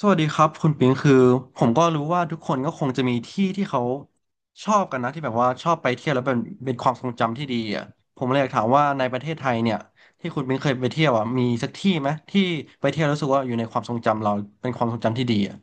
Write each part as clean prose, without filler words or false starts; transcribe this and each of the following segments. สวัสดีครับคุณปิงคือผมก็รู้ว่าทุกคนก็คงจะมีที่ที่เขาชอบกันนะที่แบบว่าชอบไปเที่ยวแล้วเป็นความทรงจำที่ดีอ่ะผมเลยอยากถามว่าในประเทศไทยเนี่ยที่คุณปิงเคยไปเที่ยวอ่ะมีสักที่ไหมที่ไปเที่ยวแล้วรู้สึกว่าอยู่ในความทรงจำเราเป็นความทรงจำที่ดีอ่ะ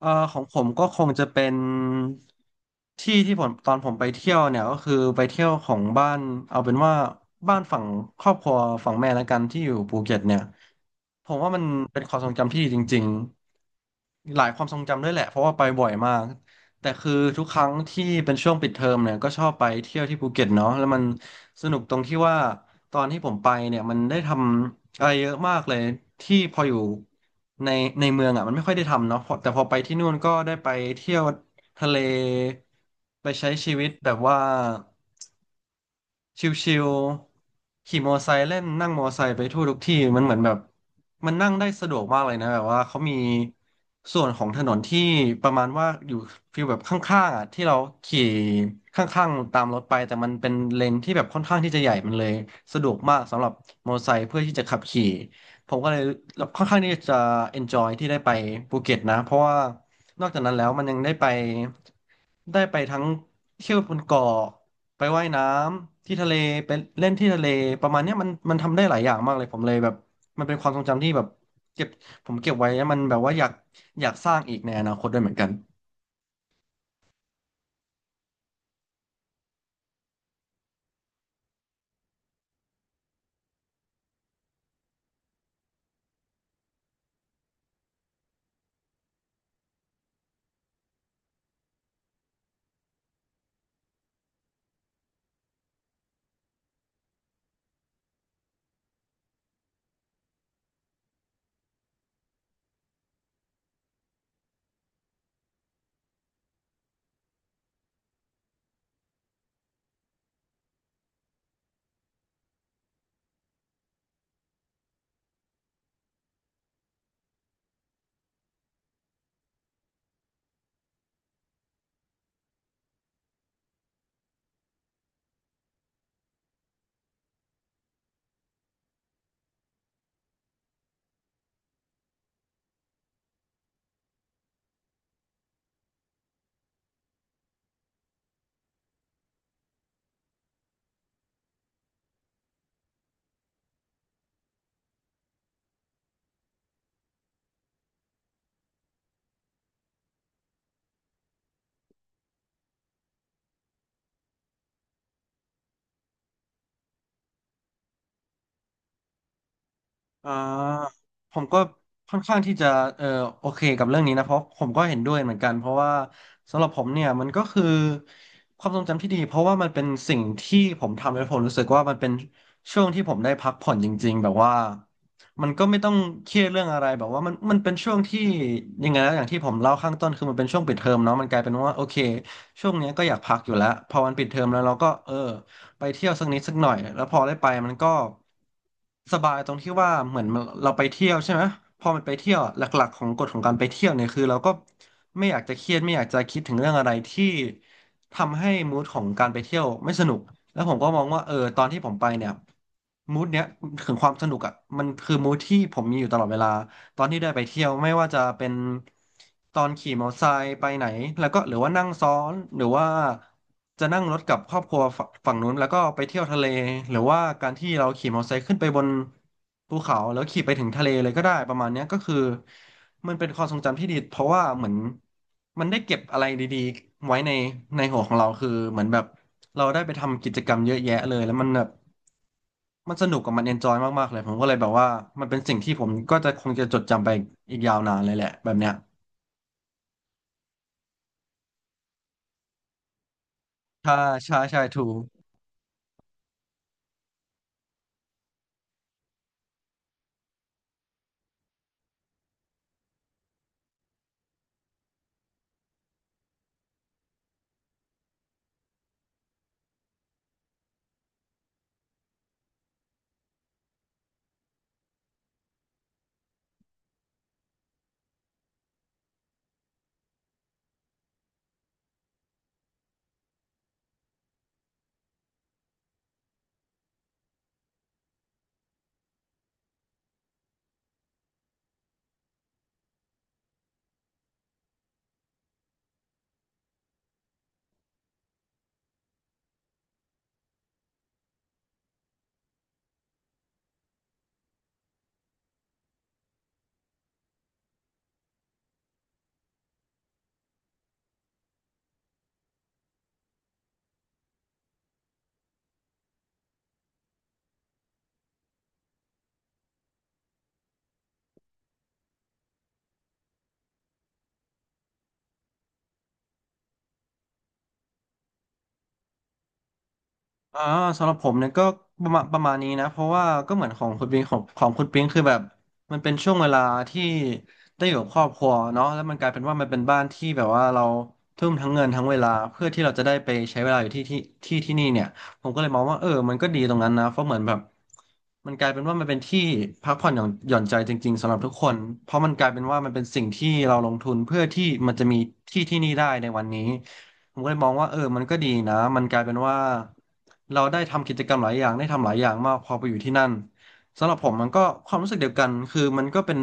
ของผมก็คงจะเป็นที่ที่ผมตอนผมไปเที่ยวเนี่ยก็คือไปเที่ยวของบ้านเอาเป็นว่าบ้านฝั่งครอบครัวฝั่งแม่แล้วกันที่อยู่ภูเก็ตเนี่ยผมว่ามันเป็นความทรงจำที่ดีจริง หลายความทรงจำด้วยแหละเพราะว่าไปบ่อยมากแต่คือทุกครั้งที่เป็นช่วงปิดเทอมเนี่ยก็ชอบไปเที่ยวที่ภูเก็ตเนาะแล้วมันสนุกตรงที่ว่าตอนที่ผมไปเนี่ยมันได้ทำอะไรเยอะมากเลยที่พออยู่ในในเมืองอ่ะมันไม่ค่อยได้ทำเนาะพอแต่พอไปที่นู่นก็ได้ไปเที่ยวทะเลไปใช้ชีวิตแบบว่า ชิวๆขี่มอไซค์เล่นนั่งมอไซค์ไปทั่วทุกที่มันเหมือนแบบมันนั่งได้สะดวกมากเลยนะแบบว่าเขามีส่วนของถนนที่ประมาณว่าอยู่ฟีลแบบข้างๆอ่ะที่เราขี่ข้างๆตามรถไปแต่มันเป็นเลนที่แบบค่อนข้างที่จะใหญ่มันเลยสะดวกมากสำหรับมอไซค์เพื่อที่จะขับขี่ผมก็เลยค่อนข้างที่จะ enjoy ที่ได้ไปภูเก็ตนะเพราะว่านอกจากนั้นแล้วมันยังได้ไปทั้งเที่ยวบนเกาะ ไปว่ายน้ำที่ทะเลไปเล่นที่ทะเลประมาณเนี้ยมันทำได้หลายอย่างมากเลยผมเลยแบบมันเป็นความทรงจำที่แบบเก็บผมเก็บไว้แล้วมันแบบว่าอยากสร้างอีกในอนาคตด้วยเหมือนกัน อ่าผมก็ค่อนข้างที่จะเออโอเคกับเรื่องนี้นะเพราะผมก็เห็นด้วยเหมือนกันเพราะว่าสำหรับผมเนี่ยมันก็คือความทรงจำที่ดีเพราะว่ามันเป็นสิ่งที่ผมทำแล้วผมรู้สึกว่ามันเป็นช่วงที่ผมได้พักผ่อนจริงๆแบบว่ามันก็ไม่ต้องเครียดเรื่องอะไรแบบว่ามันเป็นช่วงที่ยังไงนะอย่างที่ผมเล่าข้างต้นคือมันเป็นช่วงปิดเทอมเนาะมันกลายเป็นว่าโอเคช่วงเนี้ยก็อยากพักอยู่แล้วพอมันปิดเทอมแล้วเราก็เออ ไปเที่ยวสักนิดสักหน่อยแล้วพอได้ไปมันก็สบายตรงที่ว่าเหมือนเราไปเที่ยวใช่ไหมพอมันไปเที่ยวอะหลักๆของกฎของการไปเที่ยวเนี่ยคือเราก็ไม่อยากจะเครียดไม่อยากจะคิดถึงเรื่องอะไรที่ทำให้มูดของการไปเที่ยวไม่สนุกแล้วผมก็มองว่าเออตอนที่ผมไปเนี่ยมูดเนี้ยถึงความสนุกอ่ะมันคือมูดที่ผมมีอยู่ตลอดเวลา ตอนที่ได้ไปเที่ยวไม่ว่าจะเป็นตอนขี่มอเตอร์ไซค์ไปไหนแล้วก็หรือว่านั่งซ้อนหรือว่าจะนั่งรถกับครอบครัวฝั่งนู้นแล้วก็ไปเที่ยวทะเลหรือว่าการที่เราขี่มอเตอร์ไซค์ขึ้นไปบนภูเขาแล้วขี่ไปถึงทะเลเลยก็ได้ประมาณเนี้ยก็คือมันเป็นความทรงจำที่ดีเพราะว่าเหมือนมันได้เก็บอะไรดีๆไว้ในหัวของเราคือเหมือนแบบเราได้ไปทำกิจกรรมเยอะแยะเลยแล้วมันแบบ มันสนุกกับมันเอนจอยมากๆเลยผมก็เลยแบบว่ามันเป็นสิ่งที่ผมก็จะคงจะจดจำไปอีกยาวนานเลยแหละแบบเนี้ยใช่ใช่ใช่ถูกอ่าสำหรับผมเนี่ยก็ประมาณนี้นะเพราะว่าก็เหมือนของคุณปิงของคุณปิงคือแบบมันเป็นช่วงเวลาที่ได้อยู่กับครอบครัวเนาะแล้วมันกลายเป็นว่ามันเป็นบ้านที่แบบว่าเราทุ่มทั้งเงินทั้งเวลาเพื่อที่เราจะได้ไปใช้เวลาอยู่ที่นี่เนี่ย ผมก็เลยมองว่าเออมันก็ดีตรงนั้นนะเพราะเหมือนแบบมันกลายเป็นว่ามันเป็นที่พักผ่อนหย่อนใจจริงๆสำหรับทุกคนเพราะมันกลายเป็นว่ามันเป็นสิ่งที่เราลงทุนเพื่อที่มันจะมีที่ที่นี่ได้ในวันนี้ผมก็เลยมองว่าเออมันก็ดีนะมันกลายเป็นว่าเราได้ทำกิจกรรมหลายอย่างได้ทำหลายอย่างมากพอไปอยู่ที่นั่น สำหรับผมมันก็ความรู้สึกเดียวกันคือมันก็เป็น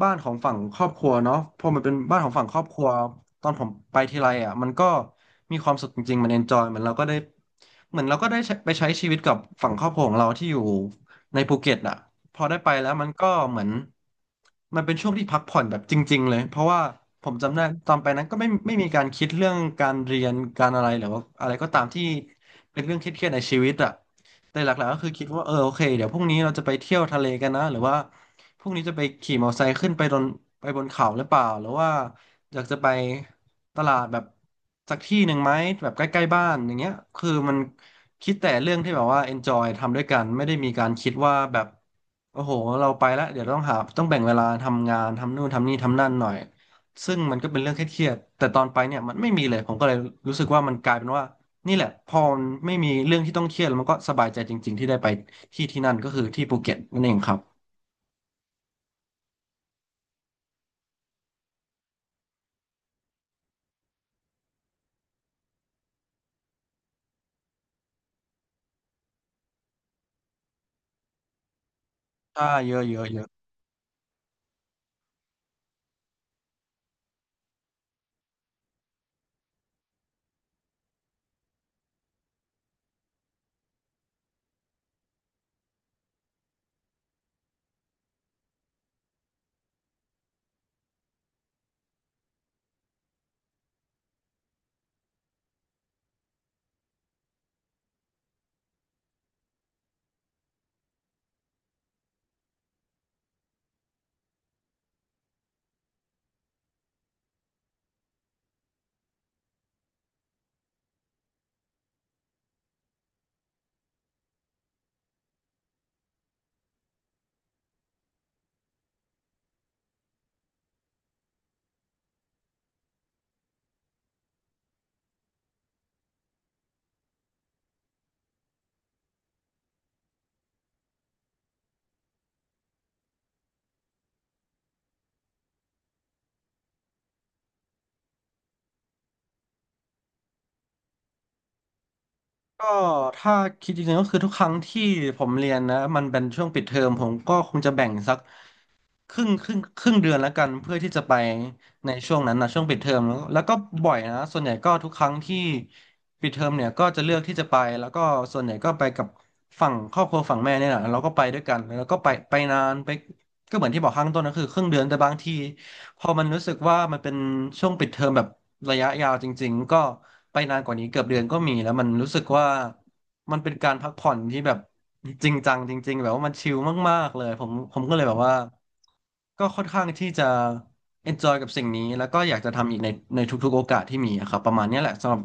บ้านของฝั่งครอบครัวเนาะพอมันเป็นบ้านของฝั่งครอบครัว ตอนผมไปทีไรอ่ะมันก็มีความสุขจริงๆมันเอนจอยเหมือนเราก็ได้เหมือนเราก็ได้ใช้ไปใช้ชีวิตกับฝั่งครอบครัวของเราที่อยู่ในภูเก็ตอ่ะพอได้ไปแล้วมันก็เหมือนมันเป็นช่วงที่พักผ่อนแบบจริงๆเลย เพราะว่าผมจำได้ตอนไปนั้นก็ไม่มีการคิดเรื่องการเรียนการอะไรหรือว่าอะไรก็ตามที่เป็นเรื่องเครียดๆในชีวิตอ่ะ แต่หลักๆก็คือคิดว่าเออโอเคเดี๋ยวพรุ่งนี้เราจะไปเที่ยวทะเลกันนะหรือว่าพรุ่งนี้จะไปขี่มอเตอร์ไซค์ขึ้นไปบนเขาหรือเปล่าหรือว่าอยากจะไปตลาดแบบสักที่หนึ่งไหมแบบใกล้ๆบ้านอย่างเงี้ยคือมันคิดแต่เรื่องที่แบบว่า enjoy ทำด้วยกันไม่ได้มีการคิดว่าแบบโอ้โหเราไปแล้วเดี๋ยวต้องหาต้องแบ่งเวลาทำงานทำนู่นทำนี่ทำนั่นหน่อยซึ่งมันก็เป็นเรื่องเครียดๆแต่ตอนไปเนี่ยมันไม่มีเลยผมก็เลยรู้สึกว่ามันกลายเป็นว่า นี่แหละพอมันไม่มีเรื่องที่ต้องเครียดแล้วมันก็สบายใจจริงๆที่ได้ไปที่ที่นั่นก็คือที่ภูเก็ตนั่นเองครับใช่เยอะเยอะเยอะก็ถ้าคิดจริงๆก็คือทุกครั้งที่ผมเรียนนะมันเป็นช่วงปิดเทอมผมก็คงจะแบ่งสัก ครึ่งเดือนแล้วกันเพื่อที่จะไปในช่วงนั้นนะช่วงปิดเทอมแล้วก็บ่อยนะส่วนใหญ่ก็ทุกครั้งที่ปิดเทอมเนี่ยก็จะเลือกที่จะไปแล้วก็ส่วนใหญ่ก็ไปกับฝั่งครอบครัวฝั่งแม่เนี่ยแหละเราก็ไปด้วยกันแล้วก็ไปนานไปก็เหมือนที่บอกข้างต้นก็คือครึ่งเดือนแต่บางทีพอมันรู้สึกว่ามันเป็นช่วงปิดเทอมแบบระยะยาวจริงๆก็ไปนานกว่านี้เกือบเดือนก็มีแล้วมันรู้สึกว่า มันเป็นการพักผ่อนที่แบบจริงจังจริงๆแบบว่ามันชิลมากๆเลยผมก็เลยแบบว่าก็ค่อนข้างที่จะ enjoy กับสิ่งนี้แล้วก็อยากจะทำอีกในทุกๆโอกาสที่มีอะครับประมาณเนี้ยแหละสำหรับ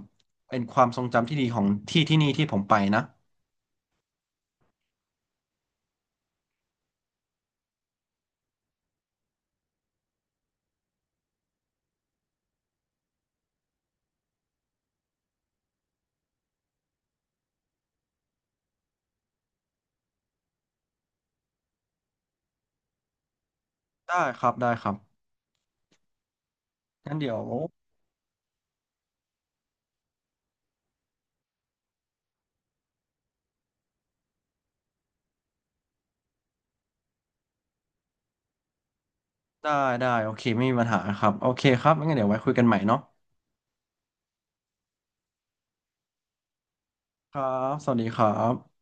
เป็นความทรงจำที่ดีของที่ที่นี่ที่ผมไปนะได้ครับงั้นเดี๋ยวได้ได้โอเคไม่มีปัญหาครับโอเคครับงั้นเดี๋ยวไว้คุยกันใหม่เนาะครับสวัสดีครับ